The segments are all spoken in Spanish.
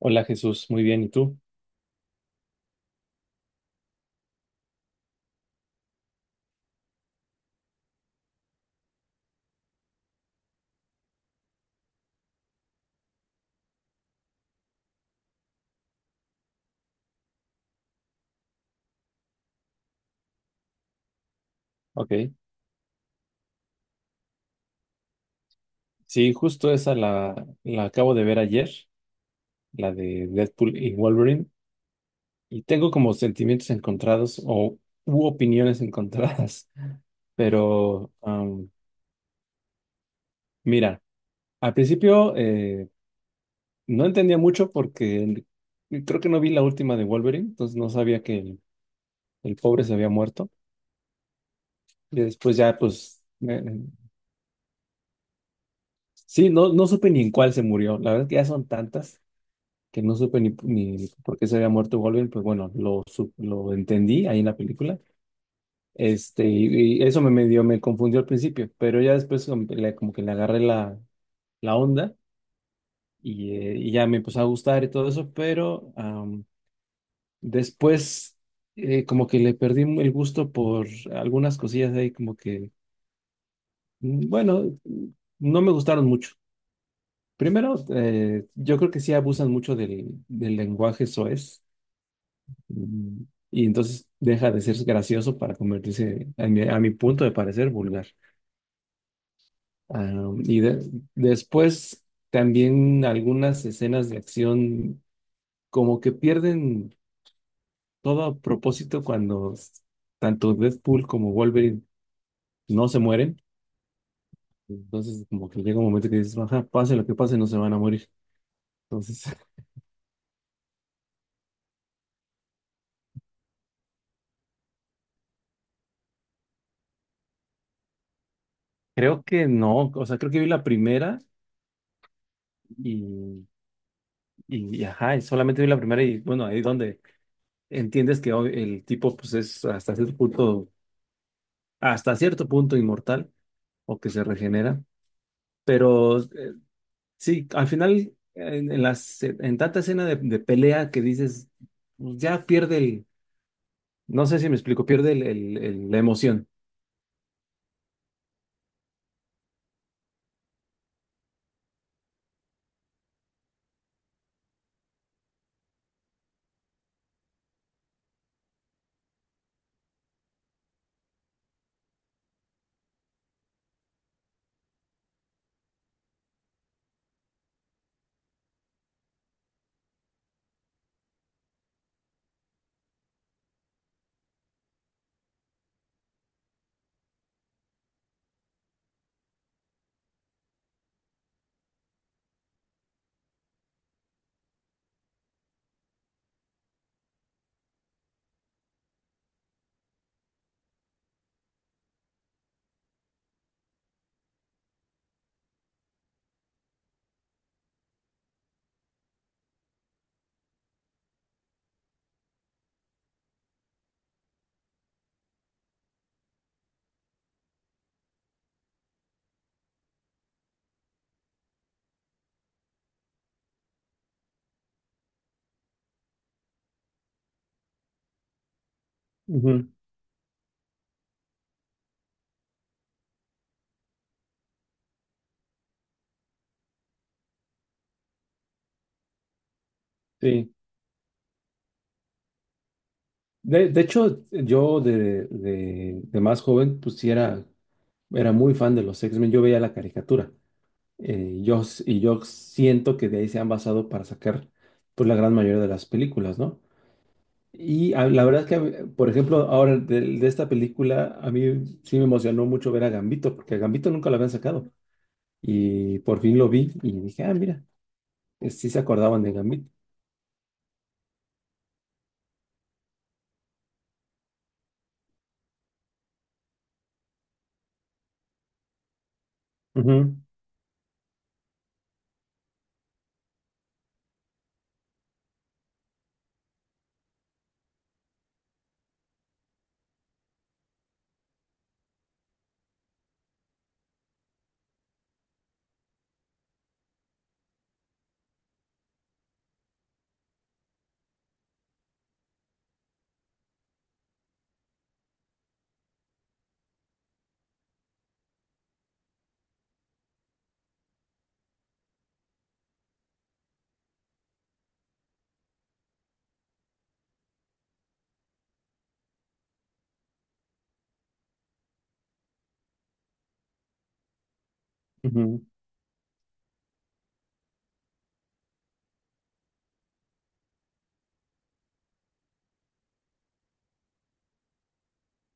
Hola Jesús, muy bien, ¿y tú? Ok. Sí, justo esa la acabo de ver ayer, la de Deadpool y Wolverine, y tengo como sentimientos encontrados o u opiniones encontradas, pero mira, al principio no entendía mucho porque creo que no vi la última de Wolverine, entonces no sabía que el pobre se había muerto, y después ya pues, eh, sí, no supe ni en cuál se murió, la verdad es que ya son tantas que no supe ni por qué se había muerto Wolverine, pues bueno, lo entendí ahí en la película. Este, y eso me medio me confundió al principio, pero ya después como que le agarré la onda y ya me empezó a gustar y todo eso, pero después como que le perdí el gusto por algunas cosillas ahí, como que, mm, bueno, no me gustaron mucho. Primero, yo creo que sí abusan mucho del lenguaje soez. Mm. Y entonces deja de ser gracioso para convertirse, a mi punto de parecer, vulgar. Ah, y de- después también algunas escenas de acción como que pierden todo propósito tanto Deadpool como Wolverine no se mueren. Entonces como que llega un momento que dices, ajá, pase lo que pase, no se van a morir. Entonces creo que no, o sea, creo que vi la primera y, y ajá, y solamente vi la primera y bueno, ahí donde entiendes que hoy el tipo pues es hasta cierto punto inmortal o que se regenera, pero sí, al final en tanta escena de pelea que dices, pues, ya pierde el, no sé si me explico, pierde la emoción. Ujú. Sí. De hecho, yo de más joven, pues sí era muy fan de los X-Men. Yo veía la caricatura. Y yo siento que de ahí se han basado para sacar pues, la gran mayoría de las películas, ¿no? La verdad es que, a mí, por ejemplo, ahora de esta película, a mí sí me emocionó mucho ver a Gambito, porque a Gambito nunca lo habían sacado. Y por fin lo vi y dije, ah, mira, sí se acordaban de Gambito. Ujú, ujú.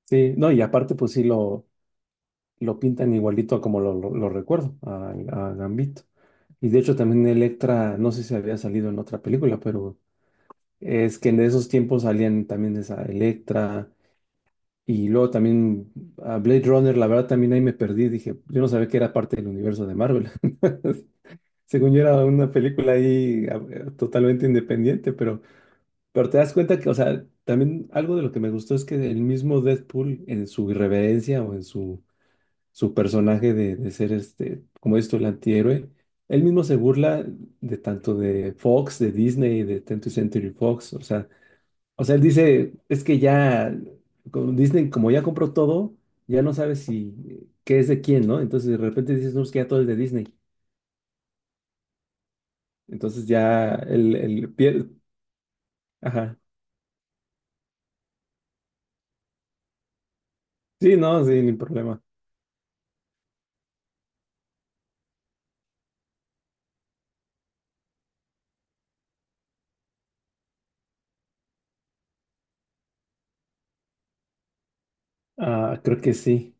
Sí, no, y aparte, pues sí lo pintan igualito a como lo recuerdo, a Gambito. Y de hecho, también Electra, no sé si había salido en otra película, pero. Es que en esos tiempos salían también esa Electra y luego también a Blade Runner, la verdad también ahí me perdí, dije, yo no sabía que era parte del universo de Marvel. Según yo era una película ahí totalmente independiente, pero, te das cuenta que, o sea, también algo de lo que me gustó es que el mismo Deadpool en su irreverencia o en su personaje de ser este, como esto, el antihéroe, él mismo se burla de tanto de Fox, de Disney, de 20th Century Fox, o sea, él dice, es que ya con Disney, como ya compró todo, ya no sabes si qué es de quién, ¿no? Entonces de repente dices, no, es que ya todo es de Disney. Entonces ya el pier-. Ajá. Sí, no, sí, ni problema. Ah, creo que sí.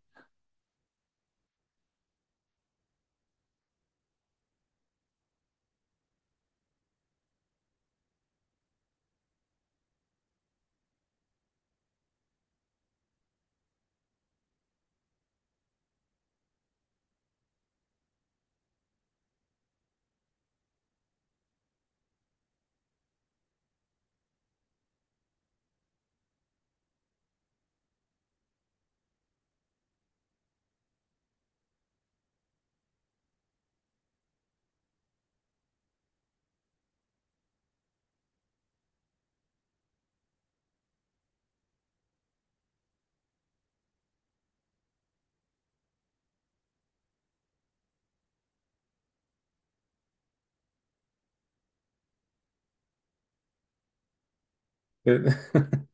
Eh,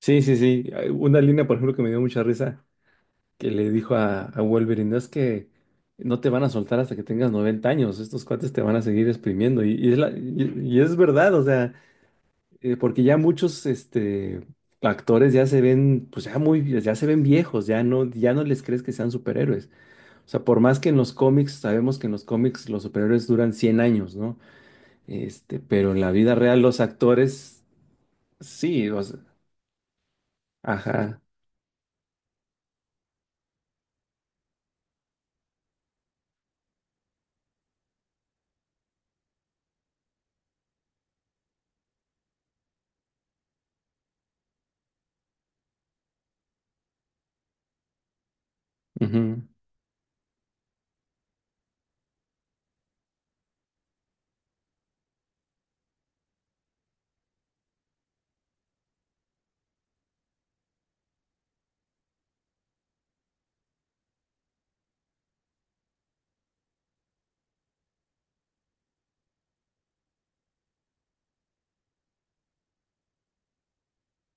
Sí, sí, sí. Hay una línea, por ejemplo, que me dio mucha risa, que le dijo a Wolverine: "No, es que no te van a soltar hasta que tengas 90 años, estos cuates te van a seguir exprimiendo". Y es verdad, o sea, porque ya muchos este, actores ya se ven, pues ya muy, ya se ven viejos, ya no, ya no les crees que sean superhéroes. O sea, por más que en los cómics, sabemos que en los cómics los superhéroes duran 100 años, ¿no? Este, pero en la vida real los actores, sí, o sea, ajá, ujú.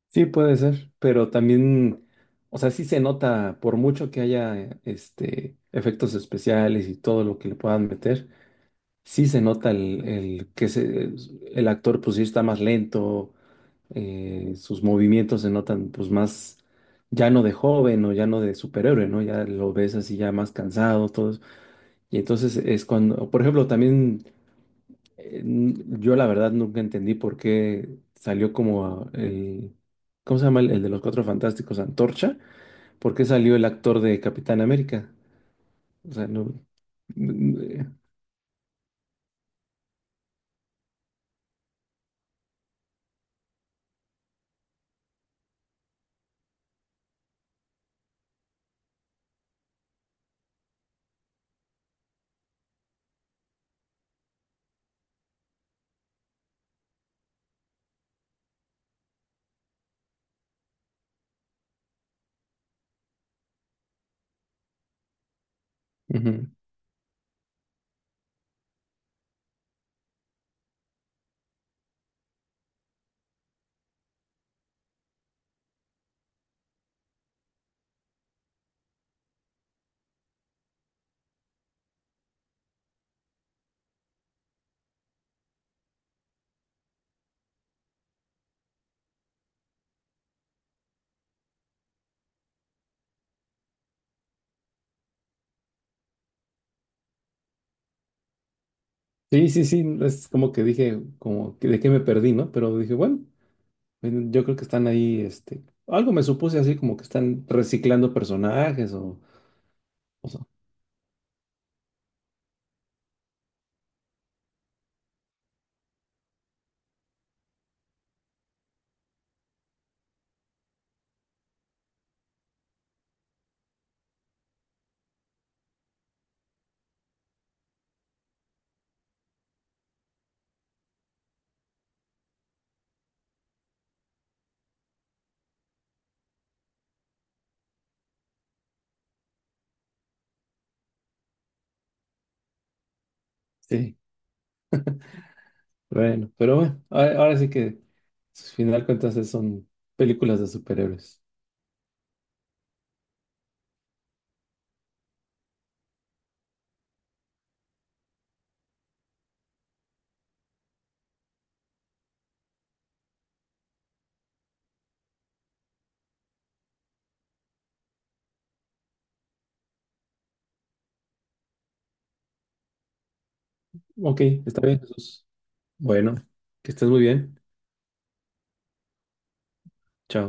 Sí puede ser, pero también, o sea, sí se nota, por mucho que haya este, efectos especiales y todo lo que le puedan meter. Sí se nota el actor pues sí está más lento, sus movimientos se notan pues más ya no de joven o ya no de superhéroe, ¿no? Ya lo ves así ya más cansado, todo eso. Y entonces es cuando, por ejemplo, también eh, n- yo la verdad nunca entendí por qué salió ¿cómo se llama? El de los Cuatro Fantásticos, Antorcha, ¿por qué salió el actor de Capitán América? O sea, no. n- n- Ujú. Sí, sí, sí, es como que dije, como que de qué me perdí, ¿no? Pero dije, bueno, bueno, yo creo que están ahí, este, algo me supuse así como que están reciclando personajes o sea, sí, bueno, pero bueno, ahora, ahora sí que, al final cuentas, son películas de superhéroes. Ok, está bien, Jesús. Bueno, que estés muy bien. Chao.